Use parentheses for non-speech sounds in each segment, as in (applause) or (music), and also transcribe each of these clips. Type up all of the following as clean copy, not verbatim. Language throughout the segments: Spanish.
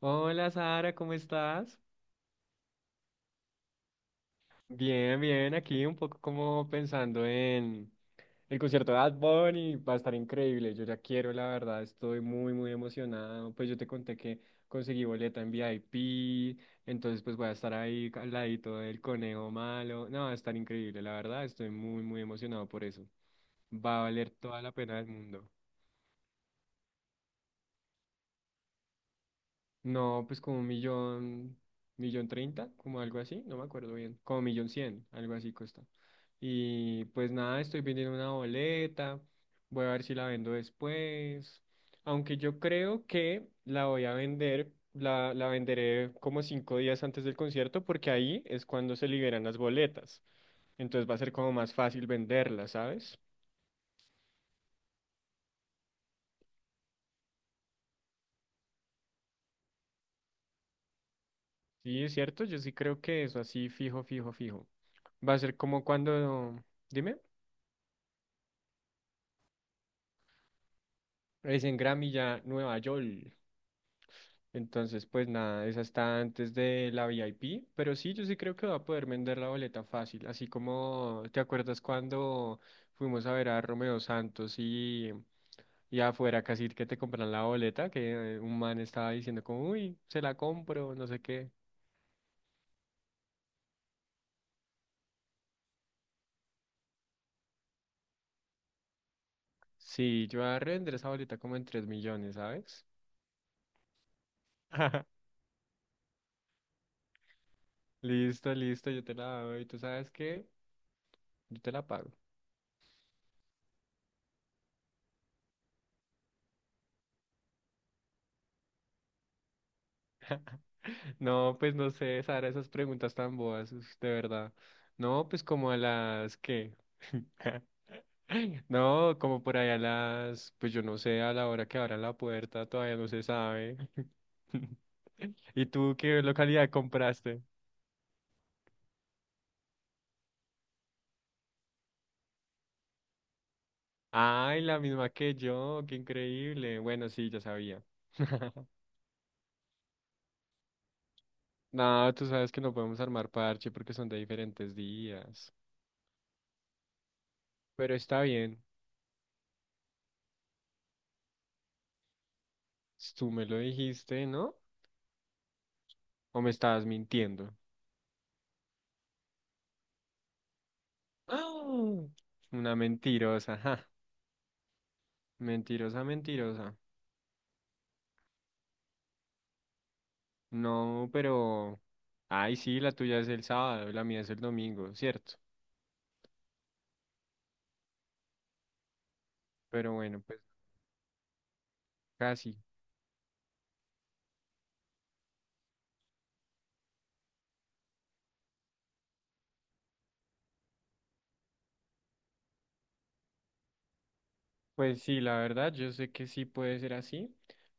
Hola Sara, ¿cómo estás? Bien, bien, aquí un poco como pensando en el concierto de Bad Bunny, va a estar increíble, yo ya quiero, la verdad, estoy muy, muy emocionado, pues yo te conté que conseguí boleta en VIP, entonces pues voy a estar ahí al ladito del conejo malo, no, va a estar increíble, la verdad, estoy muy, muy emocionado por eso, va a valer toda la pena del mundo. No, pues como un millón, millón treinta, como algo así, no me acuerdo bien, como millón cien, algo así cuesta. Y pues nada, estoy vendiendo una boleta, voy a ver si la vendo después, aunque yo creo que la voy a vender, la venderé como 5 días antes del concierto porque ahí es cuando se liberan las boletas, entonces va a ser como más fácil venderlas, ¿sabes? Sí, es cierto, yo sí creo que eso así fijo, fijo, fijo. Va a ser como cuando, dime. Es en Gramilla, Nueva York. Entonces, pues nada, esa está antes de la VIP. Pero sí, yo sí creo que va a poder vender la boleta fácil. Así como, ¿te acuerdas cuando fuimos a ver a Romeo Santos y afuera casi que te compran la boleta? Que un man estaba diciendo como, uy, se la compro, no sé qué. Sí, yo voy a revender esa boleta como en 3 millones, ¿sabes? (laughs) Listo, listo, yo te la doy. ¿Tú sabes qué? Yo te la pago. No, pues no sé, Sara, esas preguntas tan boas, uf, de verdad. No, pues como a las que. (laughs) No, como por allá a las, pues yo no sé, a la hora que abran la puerta todavía no se sabe. (laughs) ¿Y tú qué localidad compraste? Ay, la misma que yo, qué increíble. Bueno, sí, ya sabía. (laughs) No, tú sabes que no podemos armar parche porque son de diferentes días. Pero está bien, tú me lo dijiste, ¿no? ¿O me estabas mintiendo? ¡Ah! Una mentirosa, ajá. Mentirosa, mentirosa. No, pero... Ay, sí, la tuya es el sábado, la mía es el domingo, ¿cierto? Pero bueno, pues casi. Pues sí, la verdad, yo sé que sí puede ser así,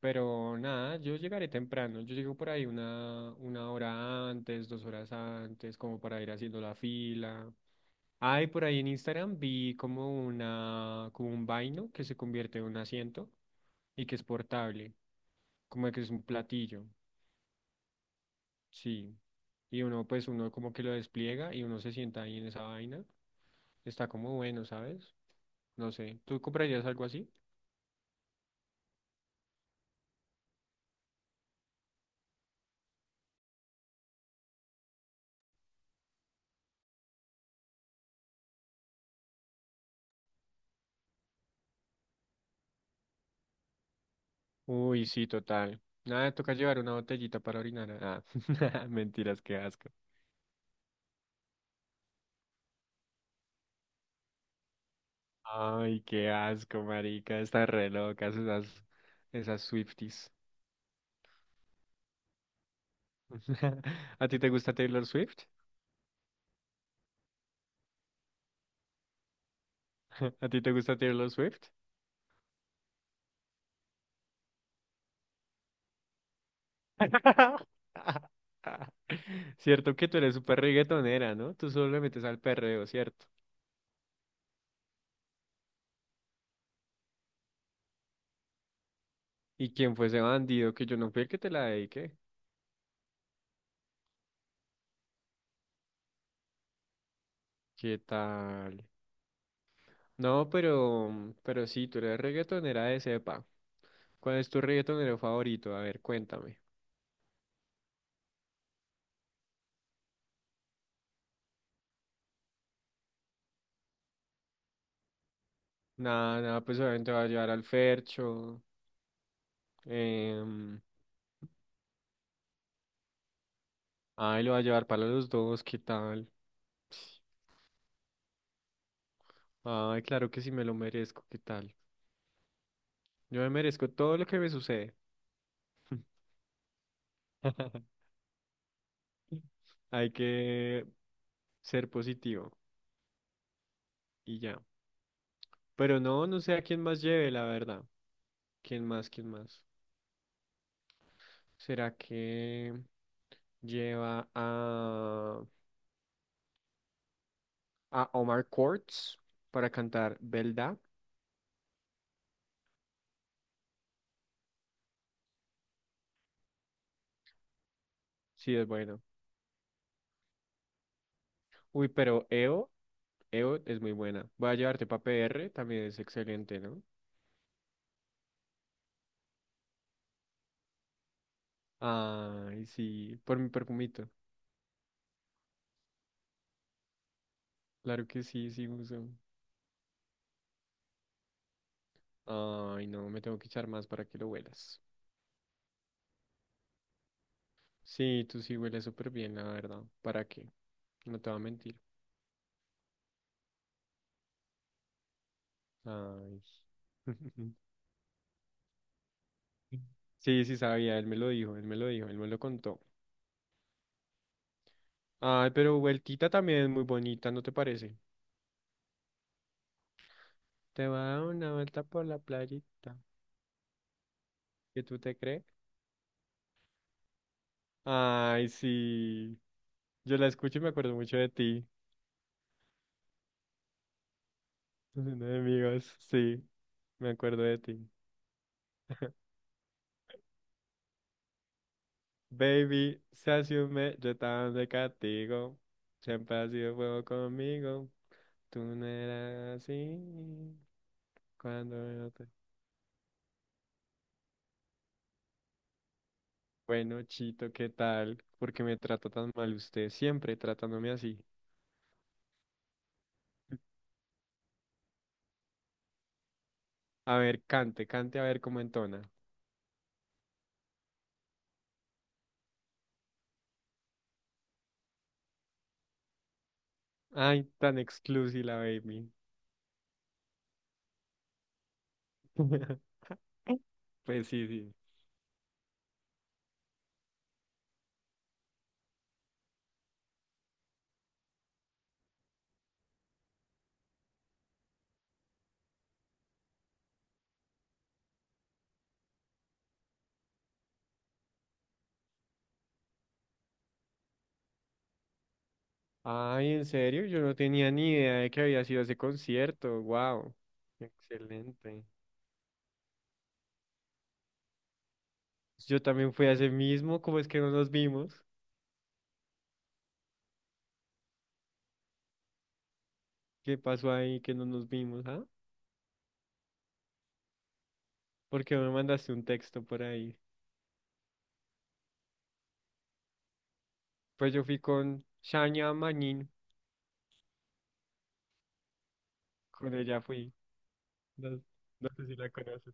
pero nada, yo llegaré temprano. Yo llego por ahí una hora antes, 2 horas antes, como para ir haciendo la fila. Ay, por ahí en Instagram vi como un vaino que se convierte en un asiento y que es portable. Como que es un platillo, sí. Y uno, pues uno como que lo despliega y uno se sienta ahí en esa vaina. Está como bueno, ¿sabes? No sé, ¿tú comprarías algo así? Uy, sí, total. Nada, toca llevar una botellita para orinar. Ah, (laughs) mentiras, qué asco. Ay, qué asco, marica, están re locas esas Swifties. (laughs) ¿A ti te gusta Taylor Swift? (laughs) ¿A ti te gusta Taylor Swift? (laughs) Cierto que tú eres súper reggaetonera, ¿no? Tú solo le metes al perreo, ¿cierto? ¿Y quién fue ese bandido? Que yo no fui el que te la dediqué. ¿Qué tal? No, pero, pero sí, tú eres reggaetonera de cepa. ¿Cuál es tu reggaetonero favorito? A ver, cuéntame. Nada, nada, pues obviamente va a llevar al Fercho. em, Ay, lo va a llevar para los dos, ¿qué tal? Ay, claro que sí me lo merezco, ¿qué tal? Yo me merezco todo lo que me sucede. (laughs) Hay que ser positivo y ya. Pero no, no sé a quién más lleve, la verdad. ¿Quién más? ¿Quién más? ¿Será que lleva a Omar Courtz para cantar Belda? Sí, es bueno. Uy, pero EO, EO es muy buena. Voy a llevarte para PR, también es excelente, ¿no? Ay, sí, por mi perfumito. Claro que sí, sí, uso. Ay, no, me tengo que echar más para que lo huelas. Sí, tú sí hueles súper bien, la verdad. ¿Para qué? No te voy a mentir. Ay. (laughs) Sí, sí sabía, él me lo dijo, él me lo dijo, él me lo contó. Ay, pero vueltita también es muy bonita, ¿no te parece? Te va a dar una vuelta por la playita. ¿Qué tú te crees? Ay, sí. Yo la escucho y me acuerdo mucho de ti. (laughs) Siendo amigos, sí. Me acuerdo de ti. (laughs) Baby, se asume, yo tan de castigo. Siempre ha sido fuego conmigo. Tú no eras así. Cuando yo te- Bueno, Chito, ¿qué tal? ¿Por qué me trata tan mal usted? Siempre tratándome así. A ver, cante, cante a ver cómo entona. Ay, tan exclusiva, baby. (laughs) Pues sí, sí. Ay, en serio, yo no tenía ni idea de que había sido ese concierto. Wow. Excelente. Yo también fui a ese mismo, ¿cómo es que no nos vimos? ¿Qué pasó ahí que no nos vimos, ah? ¿Porque me mandaste un texto por ahí? Pues yo fui con Shania Manin, con ella fui. No, no sé si la conoces.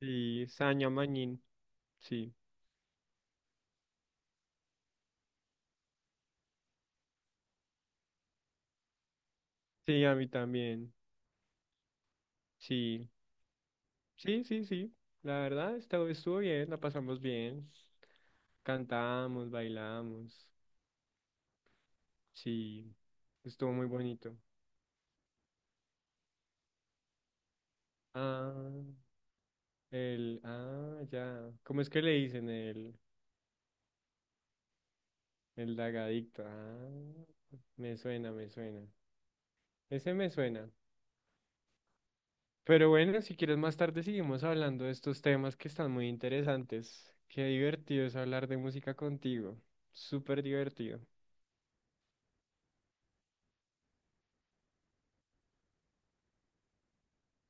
Sí, Shania Manin, sí. Sí, a mí también. Sí, sí, sí, sí. La verdad, estuvo, estuvo bien, la pasamos bien. Cantamos, bailamos. Sí, estuvo muy bonito. Ah, el, ah, ya. ¿Cómo es que le dicen el? El lagadicto. Ah, me suena, me suena. Ese me suena. Pero bueno, si quieres más tarde seguimos hablando de estos temas que están muy interesantes. Qué divertido es hablar de música contigo. Súper divertido.